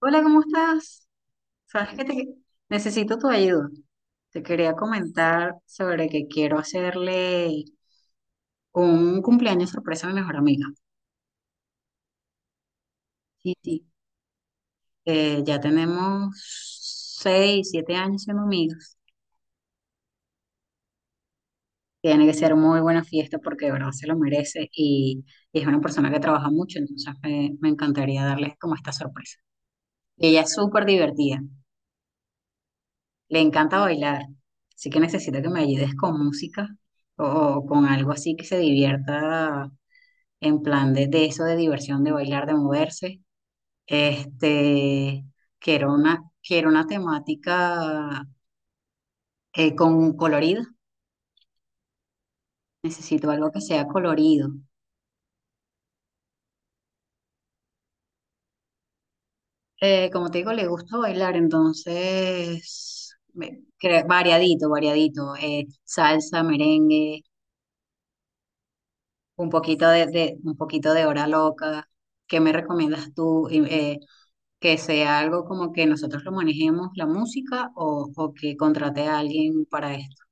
Hola, ¿cómo estás? Sabes que te necesito tu ayuda. Te quería comentar sobre que quiero hacerle un cumpleaños sorpresa a mi mejor amiga. Sí, sí. Ya tenemos 6, 7 años siendo amigos. Tiene que ser muy buena fiesta porque de verdad se lo merece y es una persona que trabaja mucho. Entonces me encantaría darle como esta sorpresa. Ella es súper divertida. Le encanta bailar, así que necesito que me ayudes con música o con algo así que se divierta en plan de eso, de diversión, de bailar, de moverse. Este, quiero una temática con colorido. Necesito algo que sea colorido. Como te digo, le gusta bailar. Entonces variadito, variadito, salsa, merengue, un poquito de hora loca. ¿Qué me recomiendas tú? Y que sea algo como que nosotros lo manejemos la música, o que contrate a alguien para esto.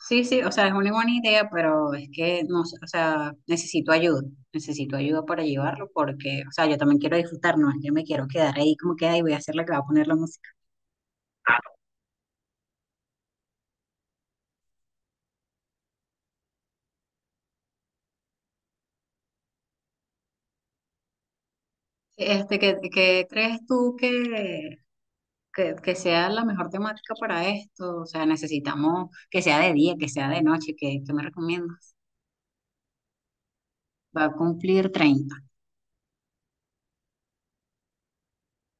Sí, sí, o sea, es una buena idea, pero es que no sé, o sea, necesito ayuda. Necesito ayuda para llevarlo porque, o sea, yo también quiero disfrutar. No es que me quiero quedar ahí como queda y voy a hacer la que va a poner la música. Qué crees tú que sea la mejor temática para esto? O sea, ¿necesitamos que sea de día, que sea de noche? ¿Qué me recomiendas? Va a cumplir 30,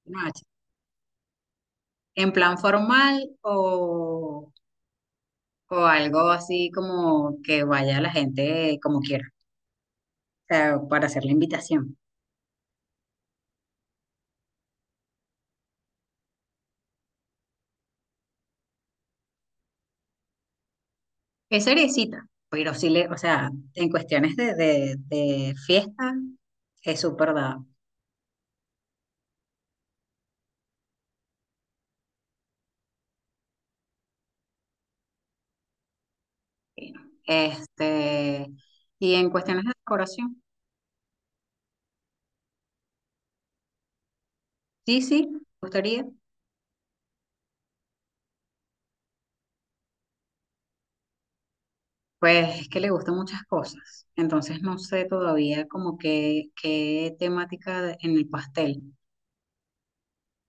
noche. ¿En plan formal, o algo así como que vaya la gente como quiera? O sea, para hacer la invitación. Es seriecita, pero sí le, o sea, en cuestiones de fiesta es súper dado. Este, y en cuestiones de decoración, sí, sí, me gustaría. Pues es que le gustan muchas cosas, entonces no sé todavía como que qué temática en el pastel,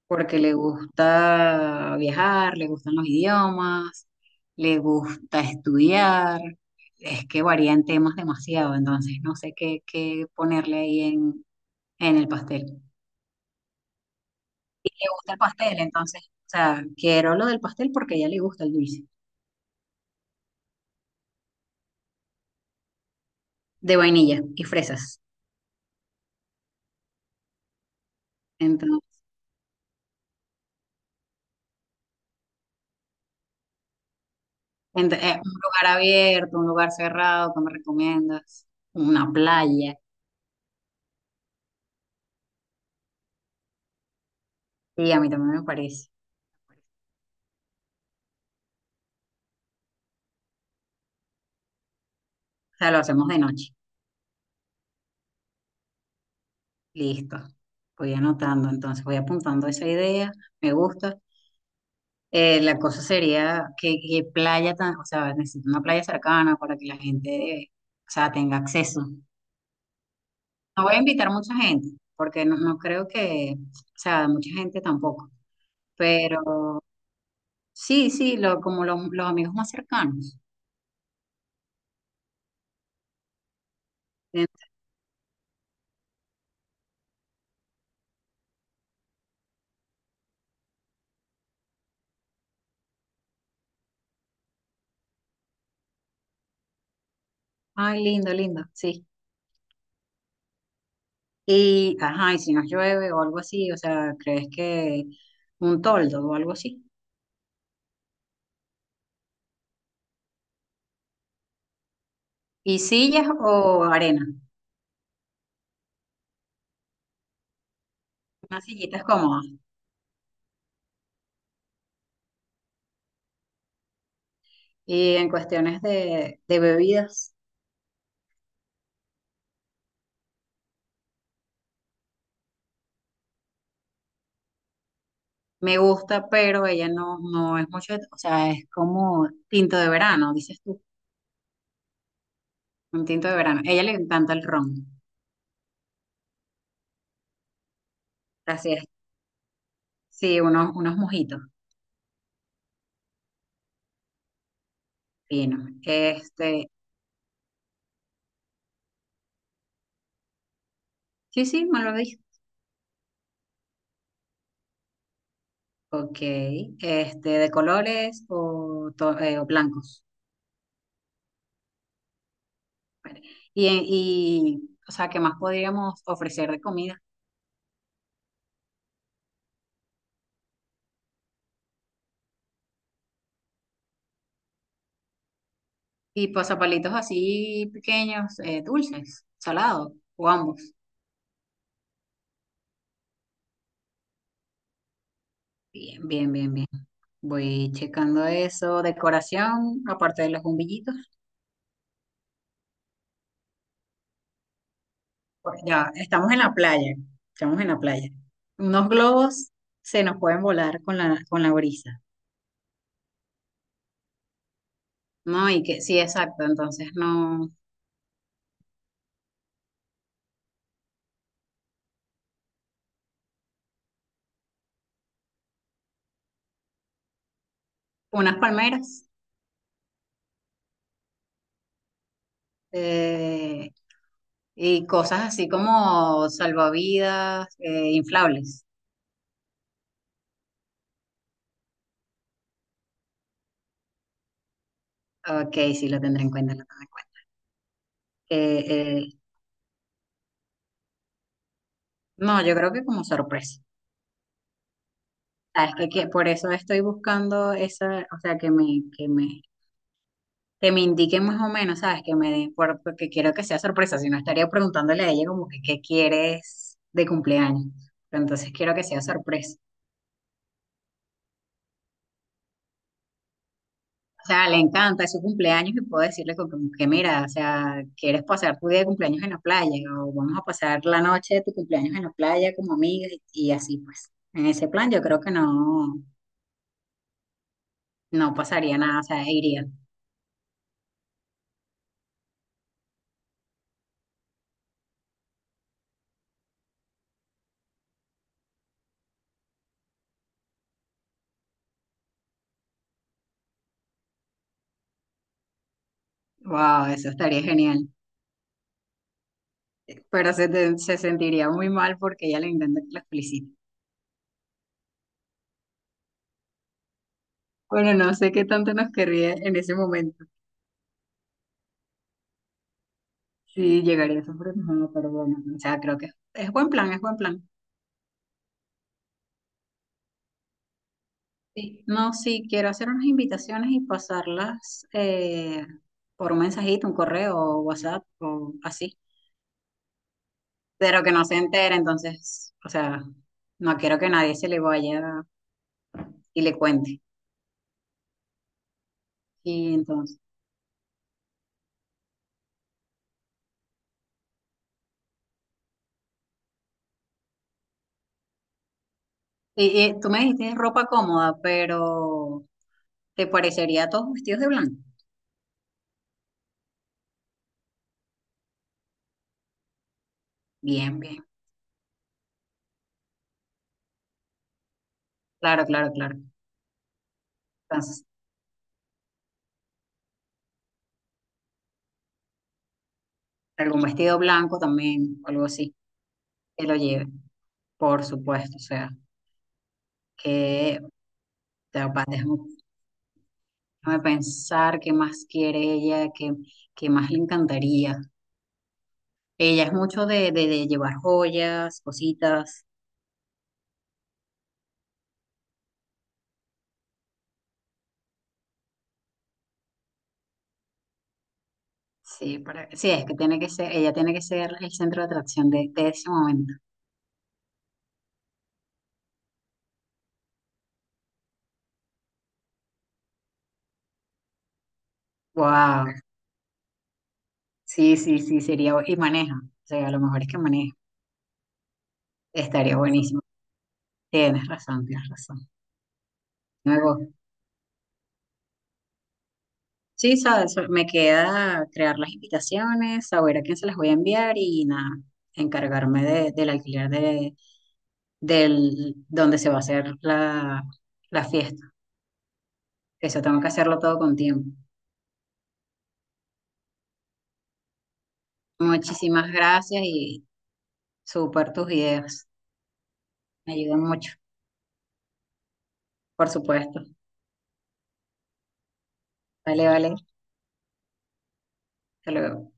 porque le gusta viajar, le gustan los idiomas, le gusta estudiar. Es que varía en temas demasiado, entonces no sé qué ponerle ahí en el pastel. Le gusta el pastel, entonces, o sea, quiero lo del pastel porque a ella le gusta el dulce, de vainilla y fresas. Un lugar abierto, un lugar cerrado, ¿qué me recomiendas? Una playa. Sí, a mí también me parece. O sea, lo hacemos de noche. Listo. Voy anotando, entonces voy apuntando esa idea. Me gusta. La cosa sería que playa, tan, o sea, necesito una playa cercana para que la gente, eh, o sea, tenga acceso. No voy a invitar mucha gente, porque no creo que, o sea, mucha gente tampoco. Pero sí, sí, como los amigos más cercanos. Ay, lindo, lindo, sí. Y, ajá, y si nos llueve o algo así, o sea, ¿crees que un toldo o algo así? ¿Y sillas o arena? Unas sillitas cómodas. Y en cuestiones de bebidas, me gusta, pero ella no es mucho, o sea, es como tinto de verano, dices tú, un tinto de verano. A ella le encanta el ron, así es. Sí, unos mojitos finos. Sí, sí, me lo. Ok, de colores, o blancos. Y, o sea, ¿qué más podríamos ofrecer de comida? Y pasapalitos así pequeños, dulces, salados, o ambos. Bien, bien, bien, bien. Voy checando eso, decoración, aparte de los bombillitos. Pues ya, estamos en la playa, estamos en la playa. Unos globos se nos pueden volar con la brisa, ¿no? Y que, sí, exacto, entonces no, unas palmeras. eh, Y cosas así como salvavidas, inflables. Ok, sí, lo tendré en cuenta, lo tendré en cuenta. Eh, eh, no, yo creo que como sorpresa. Sabes que por eso estoy buscando esa, o sea, que me indiquen más o menos, ¿sabes? Que me den, porque quiero que sea sorpresa. Si no, estaría preguntándole a ella como que qué quieres de cumpleaños. Pero entonces quiero que sea sorpresa. O sea, le encanta, es su cumpleaños y puedo decirle como que mira, o sea, ¿quieres pasar tu día de cumpleaños en la playa? O vamos a pasar la noche de tu cumpleaños en la playa como amigas, y así pues. En ese plan yo creo que no pasaría nada, o sea, iría. Wow, eso estaría genial. Pero se sentiría muy mal porque ella le intenta que la felicite. Bueno, no sé qué tanto nos querría en ese momento. Sí, llegaría a sorprendernos, pero bueno, o sea, creo que es buen plan, es buen plan. Sí, no, sí, quiero hacer unas invitaciones y pasarlas, por un mensajito, un correo o WhatsApp o así, pero que no se entere. Entonces, o sea, no quiero que nadie se le vaya y le cuente. Y entonces, y tú me dijiste ropa cómoda, pero ¿te parecería todos vestidos de blanco? Bien, bien, claro, claro, claro. Entonces, algún vestido blanco también, o algo así, que lo lleve, por supuesto. O sea, que te déjame pensar qué más quiere ella, qué más le encantaría. Ella es mucho de llevar joyas, cositas. Sí, para, sí, es que tiene que ser, ella tiene que ser el centro de atracción de ese momento. Wow, sí, sí, sí, sería, y maneja, o sea, a lo mejor es que maneja, estaría buenísimo. Tienes razón, tienes razón. Me gu- Sí, sabes, me queda crear las invitaciones, saber a quién se las voy a enviar y nada, encargarme del alquiler de del donde se va a hacer la fiesta. Eso tengo que hacerlo todo con tiempo. Muchísimas gracias y súper tus ideas. Me ayudan mucho, por supuesto. Vale, vale. Hasta luego.